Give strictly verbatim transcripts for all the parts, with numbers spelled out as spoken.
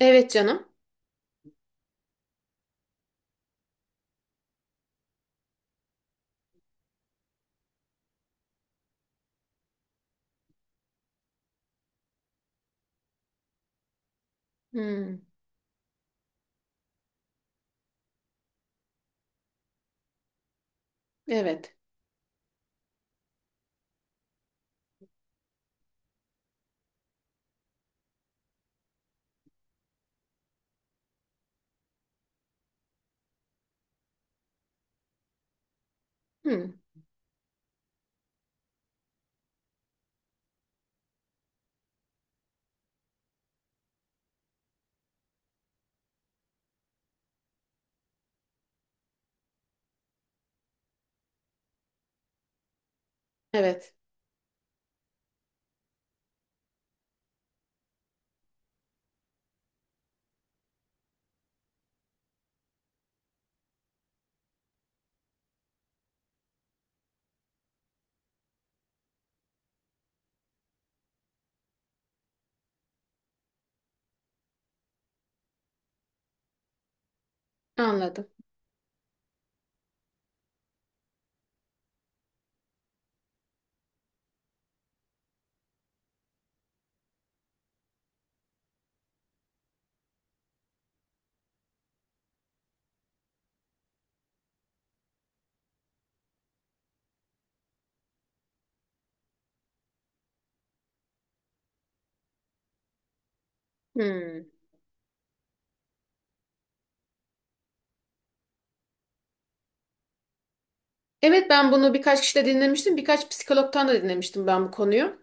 Evet canım. Hmm, evet. Hmm, evet. Anladım. Hmm. Evet, ben bunu birkaç kişide dinlemiştim. Birkaç psikologtan da dinlemiştim ben bu konuyu.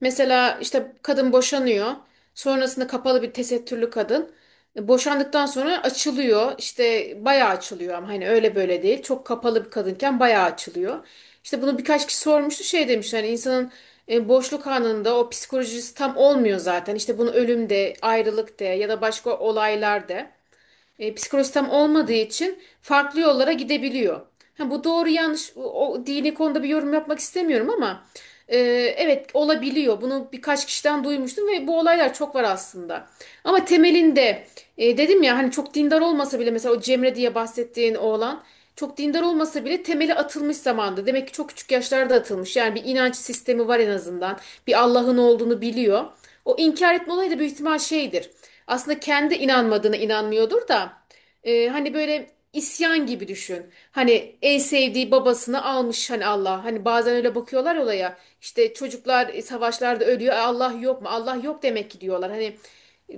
Mesela işte kadın boşanıyor. Sonrasında kapalı bir tesettürlü kadın. E, Boşandıktan sonra açılıyor. İşte bayağı açılıyor ama hani öyle böyle değil. Çok kapalı bir kadınken bayağı açılıyor. İşte bunu birkaç kişi sormuştu. Şey demiş, hani insanın e, boşluk anında o psikolojisi tam olmuyor zaten. İşte bunu ölüm de, ayrılık de ya da başka olaylar de e, psikolojisi tam olmadığı için farklı yollara gidebiliyor. Ha, bu doğru yanlış o, o dini konuda bir yorum yapmak istemiyorum ama e, evet, olabiliyor. Bunu birkaç kişiden duymuştum ve bu olaylar çok var aslında. Ama temelinde e, dedim ya, hani çok dindar olmasa bile mesela o Cemre diye bahsettiğin oğlan çok dindar olmasa bile temeli atılmış zamanda. Demek ki çok küçük yaşlarda atılmış. Yani bir inanç sistemi var en azından. Bir Allah'ın olduğunu biliyor. O inkar etme olayı da büyük ihtimal şeydir. Aslında kendi inanmadığına inanmıyordur da e, hani böyle isyan gibi düşün. Hani en sevdiği babasını almış hani Allah. Hani bazen öyle bakıyorlar olaya. İşte çocuklar e, savaşlarda ölüyor. "E, Allah yok mu? Allah yok demek ki," diyorlar. Hani e,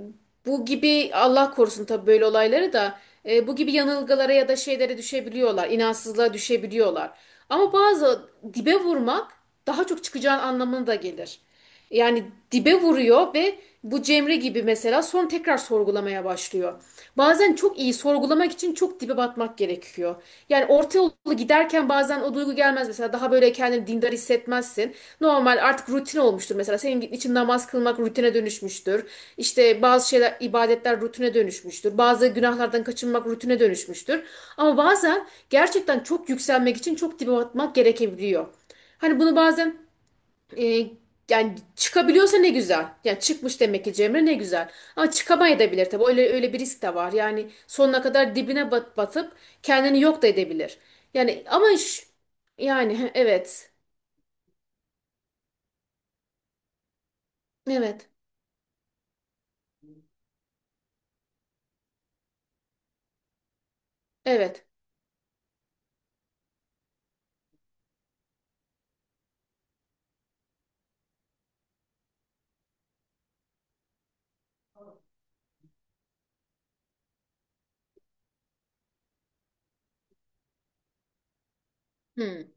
bu gibi, Allah korusun, tabii böyle olayları da e, bu gibi yanılgılara ya da şeylere düşebiliyorlar. İnansızlığa düşebiliyorlar. Ama bazı dibe vurmak daha çok çıkacağın anlamına da gelir. Yani dibe vuruyor ve bu Cemre gibi mesela sonra tekrar sorgulamaya başlıyor. Bazen çok iyi sorgulamak için çok dibe batmak gerekiyor. Yani orta yolu giderken bazen o duygu gelmez mesela, daha böyle kendini dindar hissetmezsin. Normal, artık rutin olmuştur mesela senin için namaz kılmak rutine dönüşmüştür. İşte bazı şeyler, ibadetler rutine dönüşmüştür. Bazı günahlardan kaçınmak rutine dönüşmüştür. Ama bazen gerçekten çok yükselmek için çok dibe batmak gerekebiliyor. Hani bunu bazen e, yani çıkabiliyorsa ne güzel. Yani çıkmış demek ki Cemre, ne güzel. Ama çıkamayabilir tabii. Öyle öyle bir risk de var. Yani sonuna kadar dibine bat, batıp kendini yok da edebilir. Yani ama ş- yani evet. Evet. Evet. Hmm,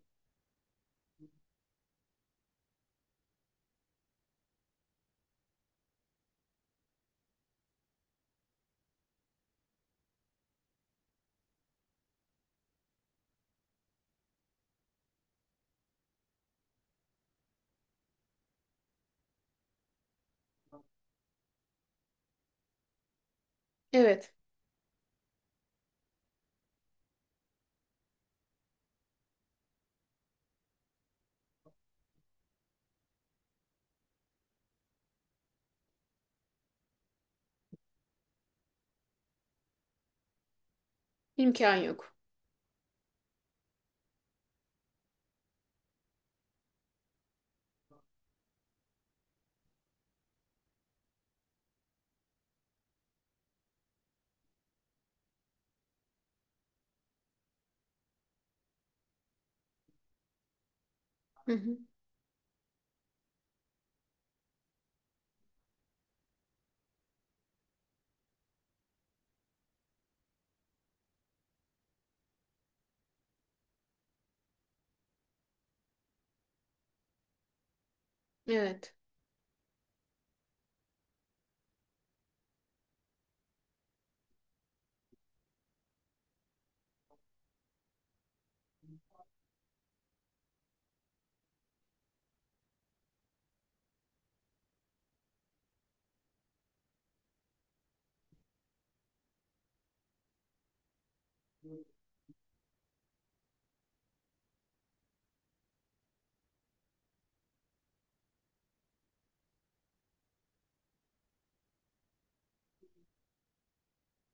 evet. İmkan yok. Hı hı. Evet.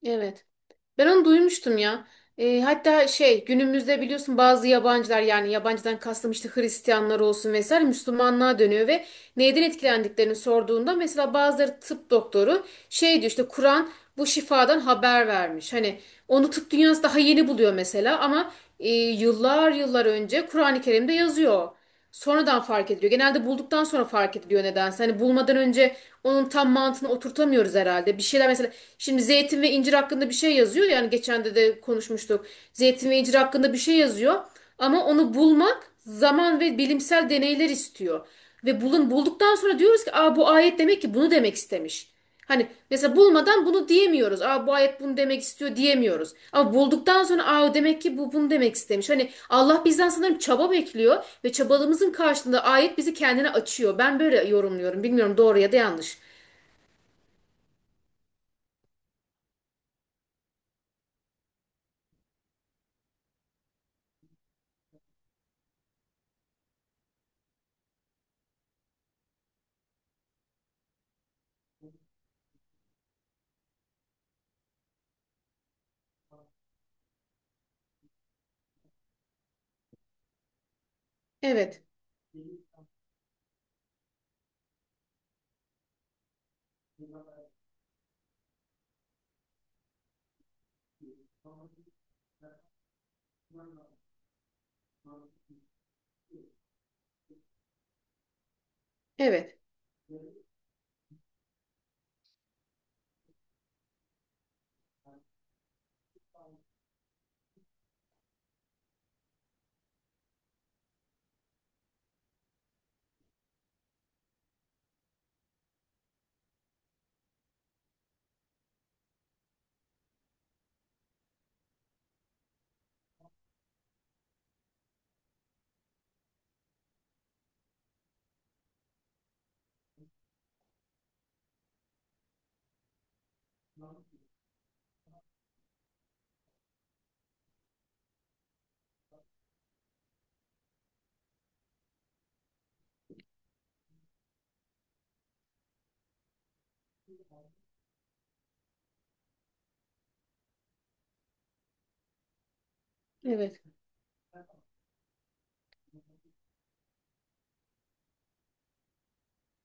Evet. Ben onu duymuştum ya. E, hatta şey, günümüzde biliyorsun bazı yabancılar, yani yabancıdan kastım işte Hristiyanlar olsun vesaire, Müslümanlığa dönüyor ve neyden etkilendiklerini sorduğunda mesela bazıları, tıp doktoru, şey diyor, işte Kur'an bu şifadan haber vermiş. Hani onu tıp dünyası daha yeni buluyor mesela ama e, yıllar yıllar önce Kur'an-ı Kerim'de yazıyor. Sonradan fark ediliyor. Genelde bulduktan sonra fark ediliyor nedense. Hani bulmadan önce onun tam mantığını oturtamıyoruz herhalde. Bir şeyler mesela, şimdi zeytin ve incir hakkında bir şey yazıyor. Yani geçen de de konuşmuştuk. Zeytin ve incir hakkında bir şey yazıyor. Ama onu bulmak zaman ve bilimsel deneyler istiyor. Ve bulun bulduktan sonra diyoruz ki, "Aa, bu ayet demek ki bunu demek istemiş." Hani mesela bulmadan bunu diyemiyoruz. "Aa, bu ayet bunu demek istiyor," diyemiyoruz. Ama bulduktan sonra, "Aa, demek ki bu bunu demek istemiş." Hani Allah bizden sanırım çaba bekliyor ve çabalığımızın karşılığında ayet bizi kendine açıyor. Ben böyle yorumluyorum. Bilmiyorum, doğru ya da yanlış. Evet. Evet. Evet.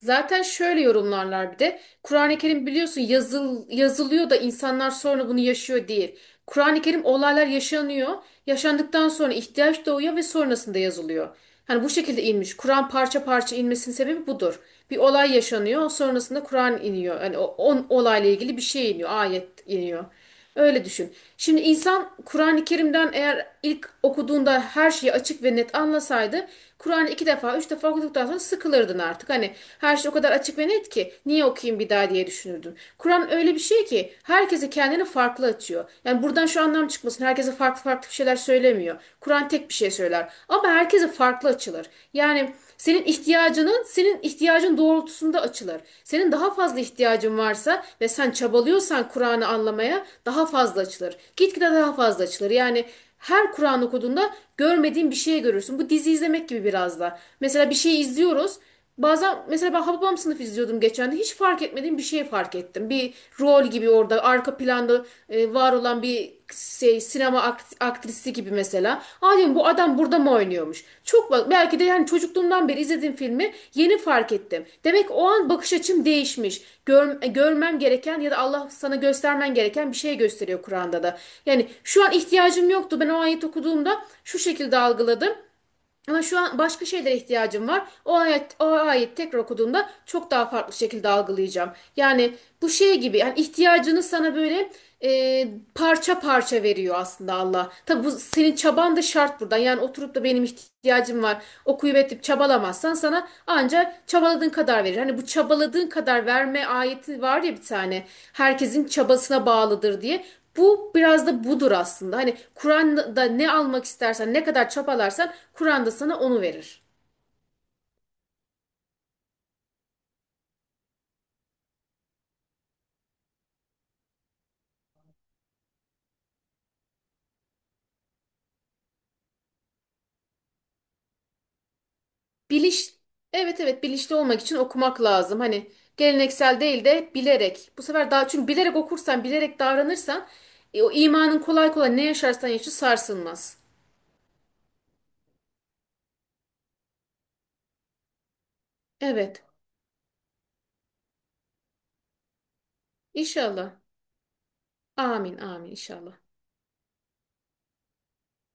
Zaten şöyle yorumlarlar bir de. Kur'an-ı Kerim, biliyorsun, yazıl, yazılıyor da insanlar sonra bunu yaşıyor değil. Kur'an-ı Kerim, olaylar yaşanıyor. Yaşandıktan sonra ihtiyaç doğuyor ve sonrasında yazılıyor. Hani bu şekilde inmiş. Kur'an parça parça inmesinin sebebi budur. Bir olay yaşanıyor, sonrasında Kur'an iniyor. Yani o on olayla ilgili bir şey iniyor, ayet iniyor. Öyle düşün. Şimdi insan Kur'an-ı Kerim'den eğer ilk okuduğunda her şeyi açık ve net anlasaydı, Kur'an'ı iki defa, üç defa okuduktan sonra sıkılırdın artık. Hani her şey o kadar açık ve net ki niye okuyayım bir daha diye düşünürdün. Kur'an öyle bir şey ki herkese kendini farklı açıyor. Yani buradan şu anlam çıkmasın: herkese farklı farklı bir şeyler söylemiyor. Kur'an tek bir şey söyler. Ama herkese farklı açılır. Yani senin ihtiyacının, senin ihtiyacın doğrultusunda açılır. Senin daha fazla ihtiyacın varsa ve sen çabalıyorsan Kur'an'ı anlamaya, daha fazla açılır. Gitgide daha fazla açılır. Yani her Kur'an okuduğunda görmediğin bir şey görürsün. Bu dizi izlemek gibi biraz da. Mesela bir şey izliyoruz. Bazen mesela ben Hababam Sınıfı izliyordum geçen de, hiç fark etmediğim bir şey fark ettim. Bir rol gibi orada arka planda e, var olan bir şey, sinema akt- aktrisi gibi mesela. "Aa," diyorum, "bu adam burada mı oynuyormuş?" Çok bak, belki de, yani çocukluğumdan beri izlediğim filmi yeni fark ettim. Demek ki o an bakış açım değişmiş. Gör- e, görmem gereken ya da Allah sana göstermen gereken bir şey gösteriyor Kur'an'da da. Yani şu an ihtiyacım yoktu. Ben o ayet okuduğumda şu şekilde algıladım. Ama şu an başka şeylere ihtiyacım var. O ayet, o ayet tekrar okuduğumda çok daha farklı şekilde algılayacağım. Yani bu şey gibi, yani ihtiyacını sana böyle e, parça parça veriyor aslında Allah. Tabi bu senin çaban da şart burada. Yani oturup da, "Benim ihtiyacım var," okuyup edip çabalamazsan sana ancak çabaladığın kadar verir. Hani bu çabaladığın kadar verme ayeti var ya bir tane. Herkesin çabasına bağlıdır diye. Bu biraz da budur aslında. Hani Kur'an'da ne almak istersen, ne kadar çabalarsan Kur'an'da sana onu verir. Biliş, evet evet, bilinçli olmak için okumak lazım. Hani geleneksel değil de bilerek. Bu sefer daha, çünkü bilerek okursan, bilerek davranırsan e, o imanın kolay kolay ne yaşarsan yaşa sarsılmaz. Evet. İnşallah. Amin, amin inşallah.